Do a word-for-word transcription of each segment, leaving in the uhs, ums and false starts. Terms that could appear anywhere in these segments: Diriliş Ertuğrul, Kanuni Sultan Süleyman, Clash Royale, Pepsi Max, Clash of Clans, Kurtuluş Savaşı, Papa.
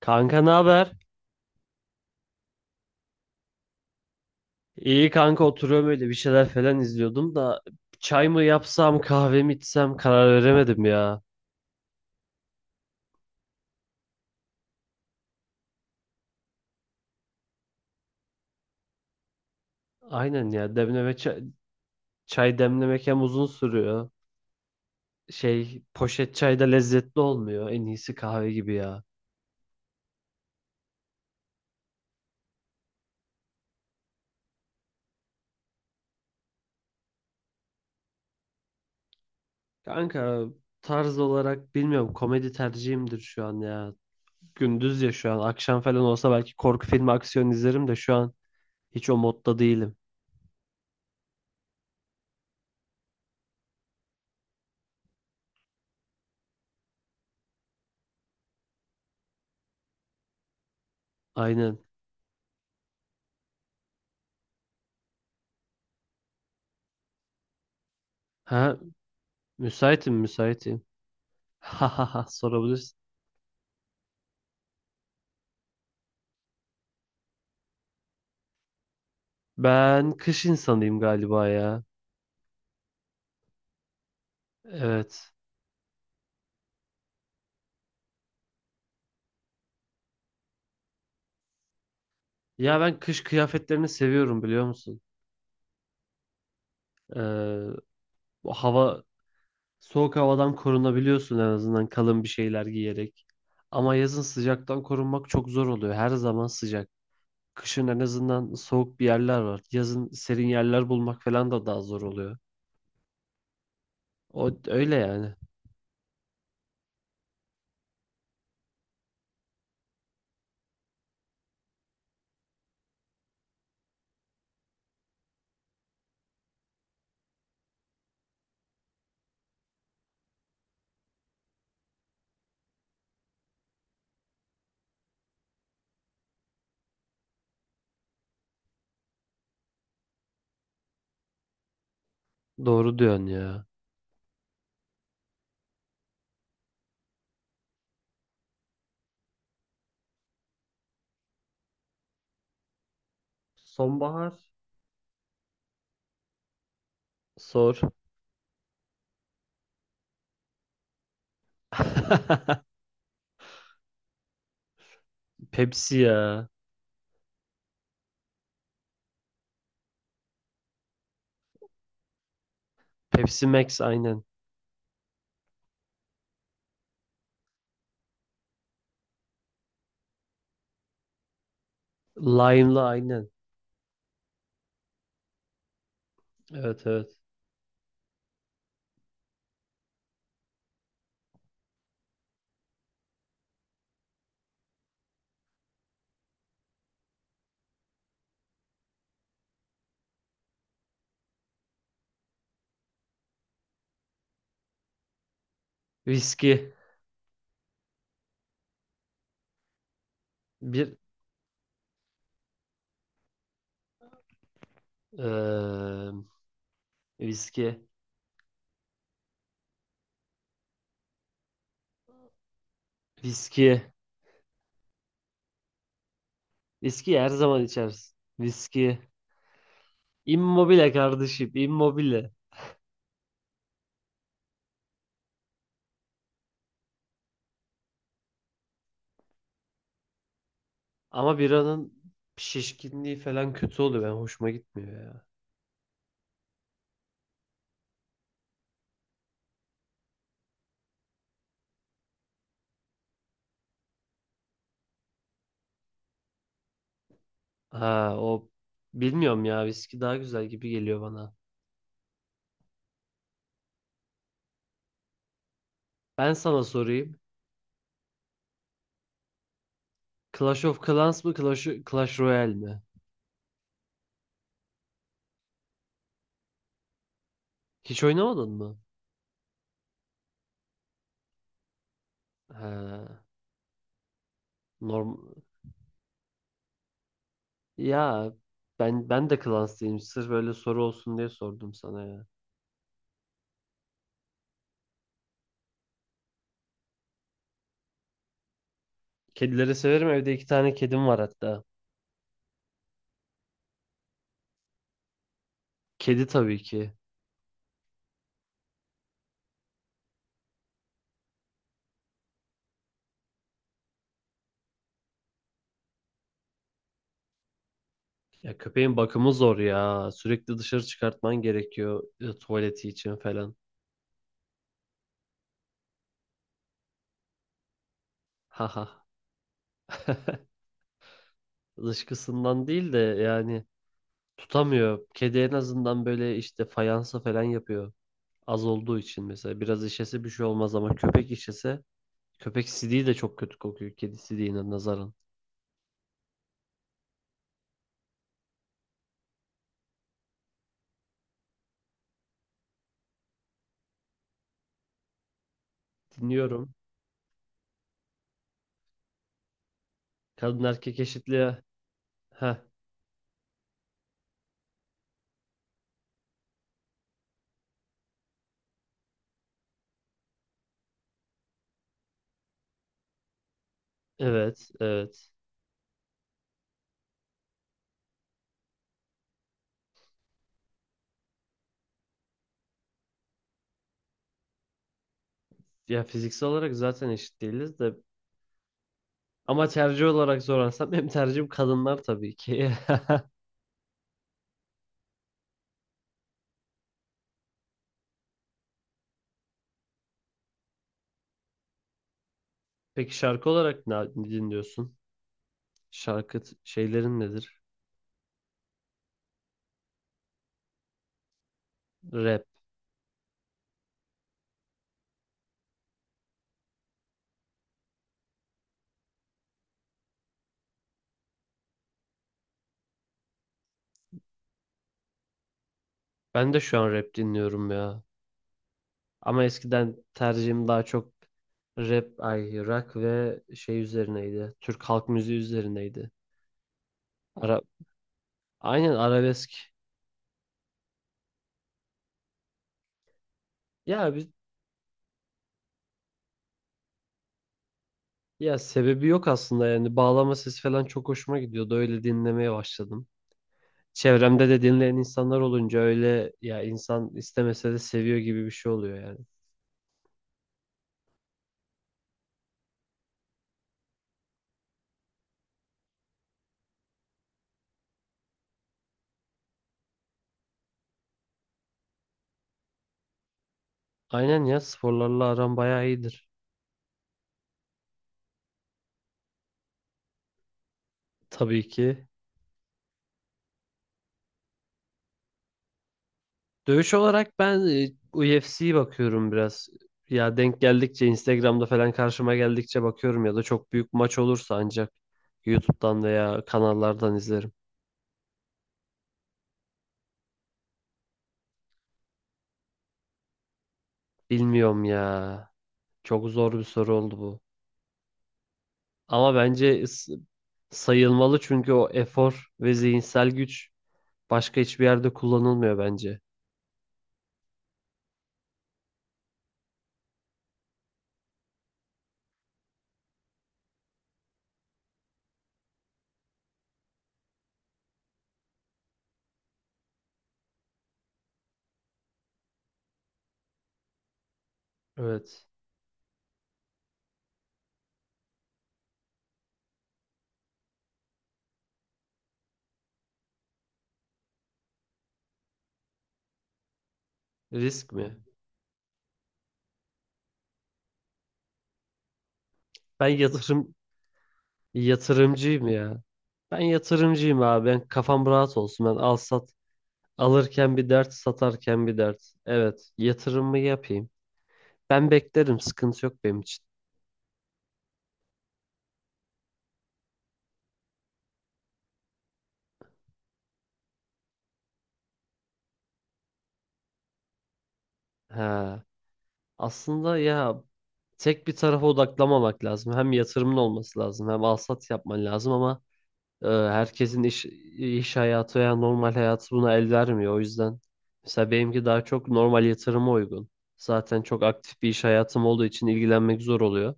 Kanka ne haber? İyi kanka oturuyorum öyle bir şeyler falan izliyordum da çay mı yapsam kahve mi içsem karar veremedim ya. Aynen ya demleme çay, çay demlemek hem uzun sürüyor. Şey poşet çay da lezzetli olmuyor. En iyisi kahve gibi ya. Kanka tarz olarak bilmiyorum komedi tercihimdir şu an ya. Gündüz ya şu an akşam falan olsa belki korku filmi aksiyon izlerim de şu an hiç o modda değilim. Aynen. Ha müsaitim müsaitim. Ha sorabilirsin. Ben kış insanıyım galiba ya. Evet. Ya ben kış kıyafetlerini seviyorum biliyor musun? Ee, Bu hava soğuk havadan korunabiliyorsun en azından kalın bir şeyler giyerek. Ama yazın sıcaktan korunmak çok zor oluyor. Her zaman sıcak. Kışın en azından soğuk bir yerler var. Yazın serin yerler bulmak falan da daha zor oluyor. O öyle yani. Doğru diyorsun ya. Sonbahar. Sor. Pepsi ya. Pepsi Max aynen. Lime'lı aynen. Evet, evet. Viski. Bir eee, viski. Viski. Viski her zaman içersin. Viski. Immobile kardeşim. Immobile. Ama biranın şişkinliği falan kötü oluyor. Ben hoşuma gitmiyor ya. Ha o bilmiyorum ya. Viski daha güzel gibi geliyor bana. Ben sana sorayım. Clash of Clans mı Clash, Clash Royale mi? Hiç oynamadın mı? Ha, norm ya ben ben de Clans'tayım. Sırf böyle soru olsun diye sordum sana ya. Kedileri severim. Evde iki tane kedim var hatta. Kedi tabii ki. Ya köpeğin bakımı zor ya. Sürekli dışarı çıkartman gerekiyor e, tuvaleti için falan. Haha. Dışkısından değil de yani tutamıyor. Kedi en azından böyle işte fayansa falan yapıyor. Az olduğu için mesela biraz işese bir şey olmaz ama köpek işese köpek sidiği de çok kötü kokuyor kedi sidiğine nazaran. Dinliyorum. Kadın erkek eşitliği. Heh. Evet, evet. Ya fiziksel olarak zaten eşit değiliz de ama tercih olarak sorarsam benim tercihim kadınlar tabii ki. Peki şarkı olarak ne ne dinliyorsun? Şarkı t- şeylerin nedir? Rap. Ben de şu an rap dinliyorum ya. Ama eskiden tercihim daha çok rap, ay rock ve şey üzerineydi. Türk halk müziği üzerineydi. Ara, aynen arabesk. Ya bir ya sebebi yok aslında yani bağlama sesi falan çok hoşuma gidiyordu. Öyle dinlemeye başladım. Çevremde de dinleyen insanlar olunca öyle ya insan istemese de seviyor gibi bir şey oluyor yani. Aynen ya sporlarla aram bayağı iyidir. Tabii ki. Dövüş olarak ben e, U F C'ye bakıyorum biraz. Ya denk geldikçe Instagram'da falan karşıma geldikçe bakıyorum ya da çok büyük maç olursa ancak YouTube'dan veya kanallardan izlerim. Bilmiyorum ya. Çok zor bir soru oldu bu. Ama bence is- sayılmalı çünkü o efor ve zihinsel güç başka hiçbir yerde kullanılmıyor bence. Evet. Risk mi? Ben yatırım yatırımcıyım ya. Ben yatırımcıyım abi. Ben kafam rahat olsun. Ben al sat alırken bir dert, satarken bir dert. Evet, yatırımımı yapayım. Ben beklerim. Sıkıntı yok benim için. Ha. Aslında ya tek bir tarafa odaklamamak lazım. Hem yatırımın olması lazım, hem al sat yapman lazım ama Ee, herkesin iş, iş hayatı veya normal hayatı buna el vermiyor. O yüzden mesela benimki daha çok normal yatırıma uygun. Zaten çok aktif bir iş hayatım olduğu için ilgilenmek zor oluyor.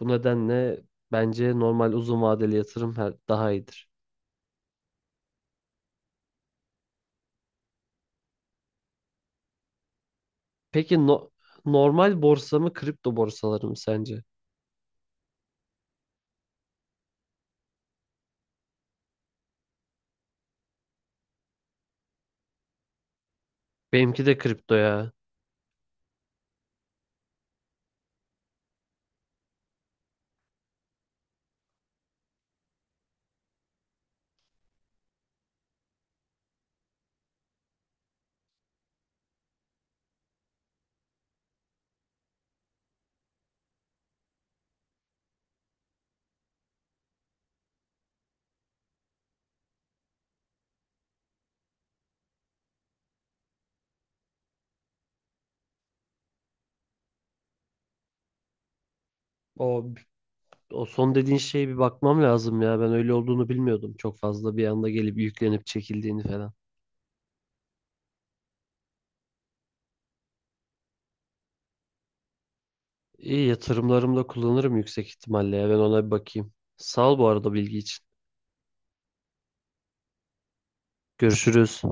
Bu nedenle bence normal uzun vadeli yatırım her- daha iyidir. Peki no- normal borsa mı kripto borsaları mı sence? Benimki de kripto ya. O, o son dediğin şeye bir bakmam lazım ya. Ben öyle olduğunu bilmiyordum çok fazla. Bir anda gelip yüklenip çekildiğini falan. İyi yatırımlarımda kullanırım yüksek ihtimalle ya. Ben ona bir bakayım. Sağ ol bu arada bilgi için. Görüşürüz.